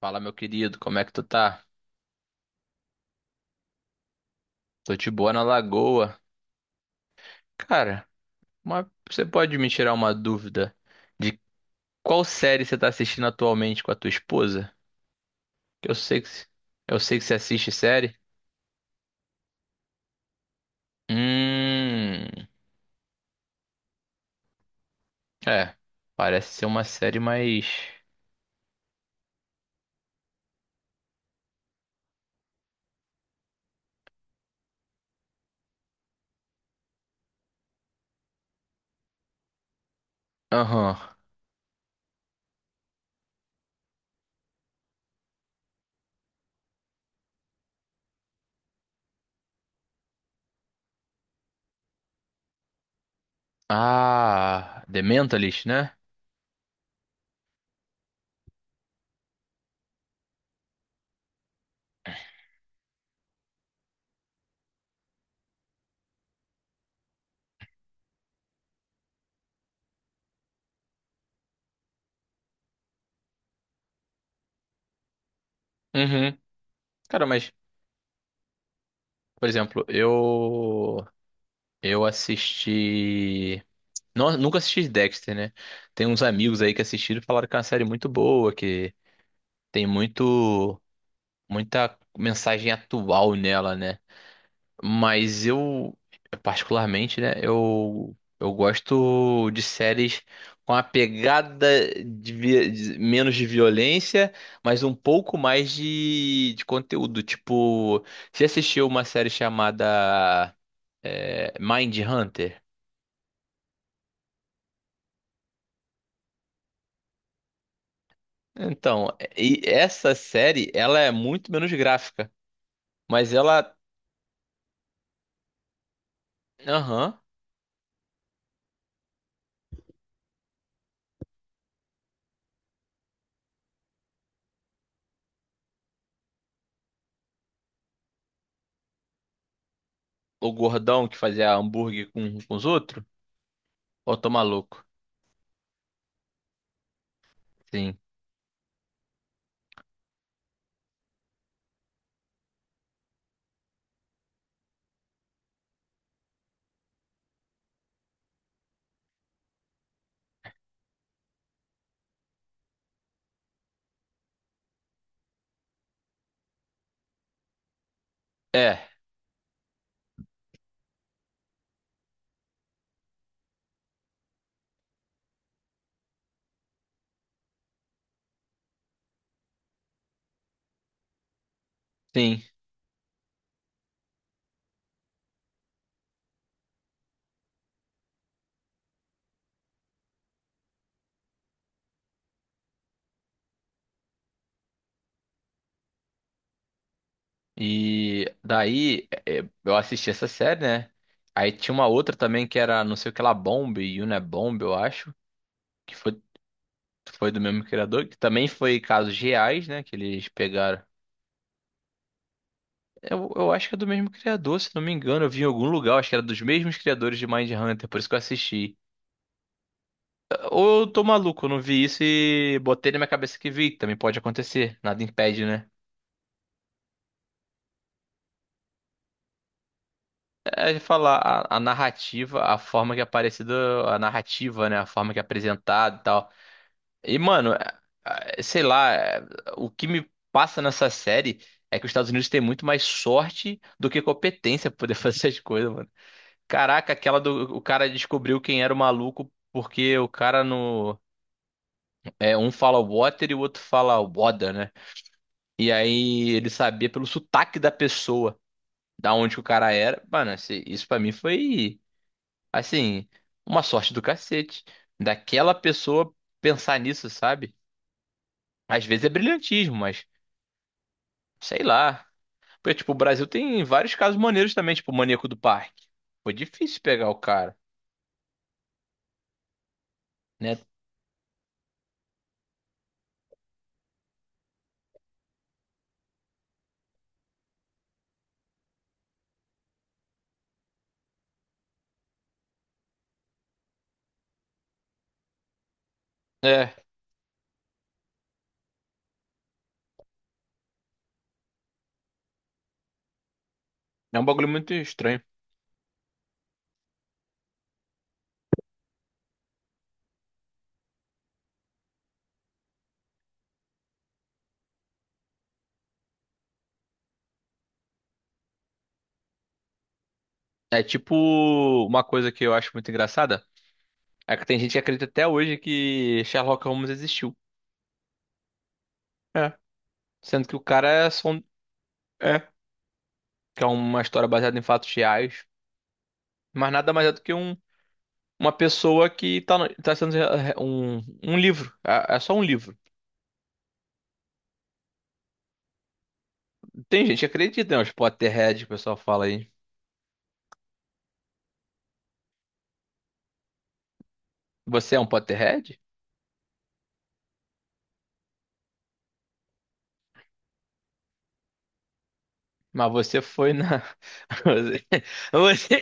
Fala, meu querido, como é que tu tá? Tô de boa na lagoa. Cara, você pode me tirar uma dúvida de qual série você tá assistindo atualmente com a tua esposa? Que eu sei que, eu sei que você assiste série. Hum, é, parece ser uma série mais. Aham. Ah, The Mentalist, né? Uhum. Cara, mas, por exemplo, eu assisti. Não, nunca assisti Dexter, né? Tem uns amigos aí que assistiram e falaram que é uma série muito boa, que tem muito, muita mensagem atual nela, né? Mas eu, particularmente, né? Eu gosto de séries com a pegada de menos de violência, mas um pouco mais de conteúdo. Tipo, você assistiu uma série chamada Mind Hunter? Então, e essa série, ela é muito menos gráfica, mas ela, aham, o gordão que fazia hambúrguer com os outros, ou tô maluco? Sim. É, sim. E daí é, eu assisti essa série, né? Aí tinha uma outra também que era não sei o que lá, Bomb, Unabomb, eu acho, que foi do mesmo criador, que também foi casos reais, né, que eles pegaram. Eu acho que é do mesmo criador, se não me engano. Eu vi em algum lugar, acho que era dos mesmos criadores de Mindhunter, por isso que eu assisti. Ou eu tô maluco, eu não vi isso e botei na minha cabeça que vi, que também pode acontecer, nada impede, né? É de falar a narrativa, a forma que é aparecida, a narrativa, né? A forma que é apresentado e tal. E, mano, sei lá, o que me passa nessa série é que os Estados Unidos têm muito mais sorte do que competência pra poder fazer as coisas, mano. Caraca, aquela do o cara descobriu quem era o maluco porque o cara no. É, um fala water e o outro fala water, né? E aí ele sabia pelo sotaque da pessoa, da onde que o cara era. Mano, isso pra mim foi, assim, uma sorte do cacete. Daquela pessoa pensar nisso, sabe? Às vezes é brilhantismo, mas sei lá. Porque, tipo, o Brasil tem vários casos maneiros também, tipo o Maníaco do Parque. Foi difícil pegar o cara, né? É, é um bagulho muito estranho. É tipo uma coisa que eu acho muito engraçada. É que tem gente que acredita até hoje que Sherlock Holmes existiu. É. Sendo que o cara é só um. É. Que é uma história baseada em fatos reais, mas nada mais é do que um, uma pessoa que um livro. É, é só um livro. Tem gente que acredita, né? Os Potterhead, que o pessoal fala aí. Você é um Potterhead? Mas você foi na. Você.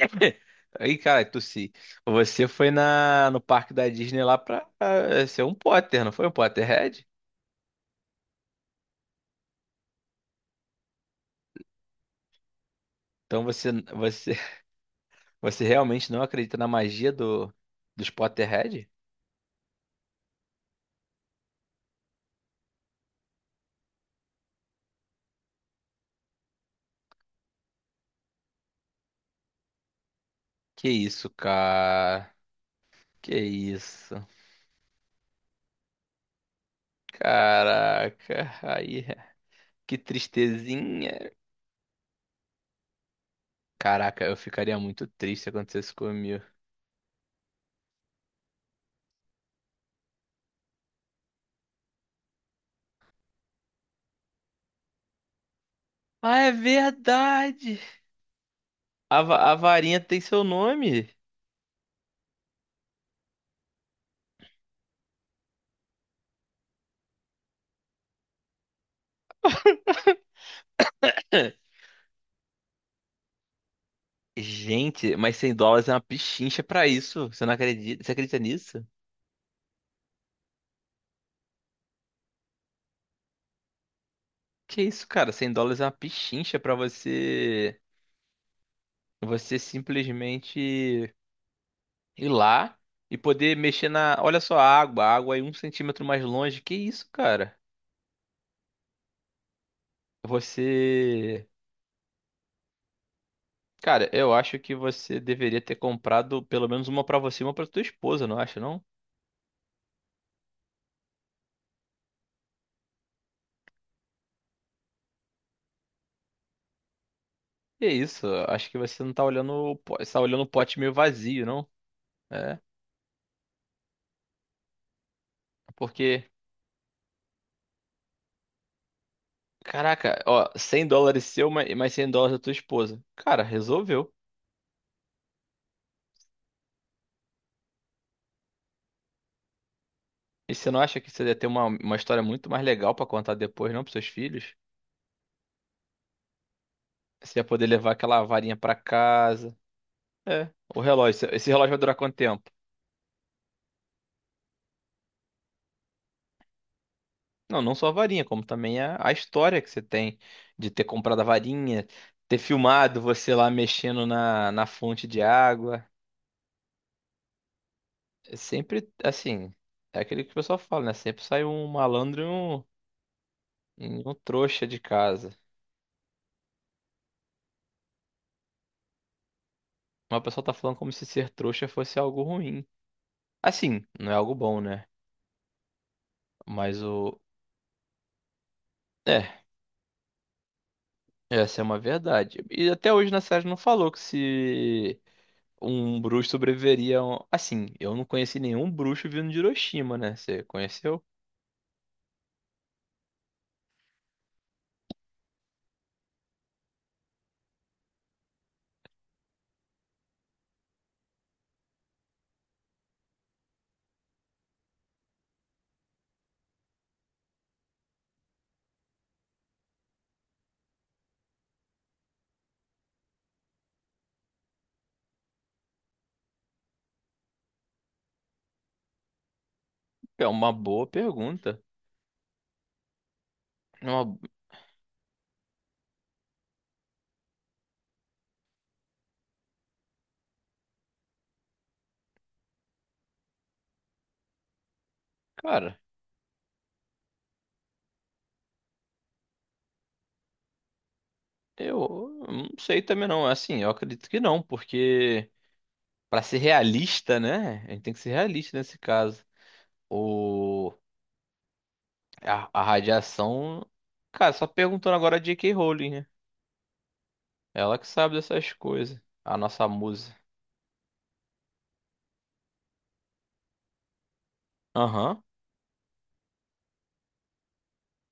você- Aí, cara, tossi. Você foi na, no parque da Disney lá pra, ser um Potter, não foi um Potterhead? Então você, você realmente não acredita na magia dos Potterhead? Que isso, cara. Que isso? Caraca, aí, que tristezinha. Caraca, eu ficaria muito triste se acontecesse comigo. Ah, é verdade! A varinha tem seu nome. Gente, mas $100 é uma pichincha pra isso. Você não acredita? Você acredita nisso? Que isso, cara? $100 é uma pichincha pra você. Você simplesmente ir lá e poder mexer na. Olha só a água aí 1 cm mais longe. Que isso, cara? Você Cara, eu acho que você deveria ter comprado pelo menos uma pra você e uma pra tua esposa, não acha, não? Que isso, acho que você não tá olhando, você tá olhando o pote meio vazio, não? É, porque, caraca, ó, $100 seu, e mais $100 da tua esposa. Cara, resolveu. E você não acha que você ia ter uma história muito mais legal pra contar depois, não, pros seus filhos? Você ia poder levar aquela varinha pra casa. É, o relógio, esse relógio vai durar quanto tempo? Não, não só a varinha, como também a história que você tem de ter comprado a varinha, ter filmado você lá mexendo na fonte de água. É Sempre, assim, é aquele que o pessoal fala, né? Sempre sai um malandro e um trouxa de casa. Mas o pessoal tá falando como se ser trouxa fosse algo ruim. Assim, não é algo bom, né? Mas o. É, essa é uma verdade. E até hoje na série não falou que se. Um bruxo sobreviveria. Assim, eu não conheci nenhum bruxo vindo de Hiroshima, né? Você conheceu? É uma boa pergunta. É uma- Cara, eu não sei também não. Assim, eu acredito que não, porque pra ser realista, né? A gente tem que ser realista nesse caso. O... a radiação. Cara, só perguntando agora a J.K. Rowling, né? Ela que sabe dessas coisas. A nossa musa. Aham.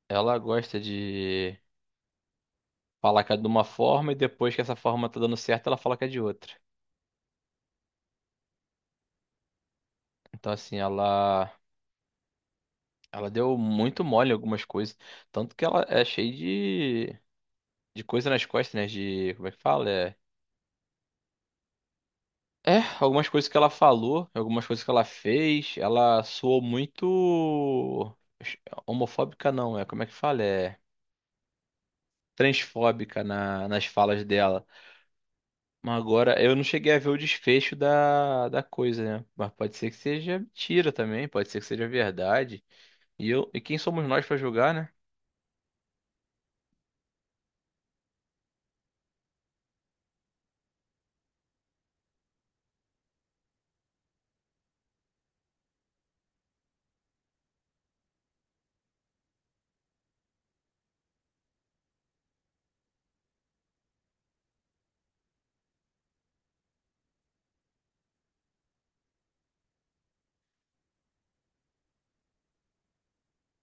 Ela gosta de. Fala que é de uma forma e depois que essa forma tá dando certo, ela fala que é de outra. Então, assim, ela deu muito mole em algumas coisas. Tanto que ela é cheia de, coisa nas costas, né? De, como é que fala? É, é, algumas coisas que ela falou, algumas coisas que ela fez, ela soou muito homofóbica, não, é, como é que fala? É transfóbica nas falas dela. Agora, eu não cheguei a ver o desfecho da coisa, né? Mas pode ser que seja mentira também, pode ser que seja verdade. E eu, e quem somos nós pra julgar, né?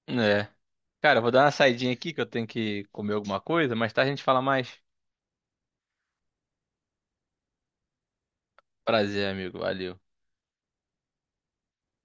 É. Cara, eu vou dar uma saidinha aqui que eu tenho que comer alguma coisa, mas tarde a gente fala mais. Prazer, amigo. Valeu.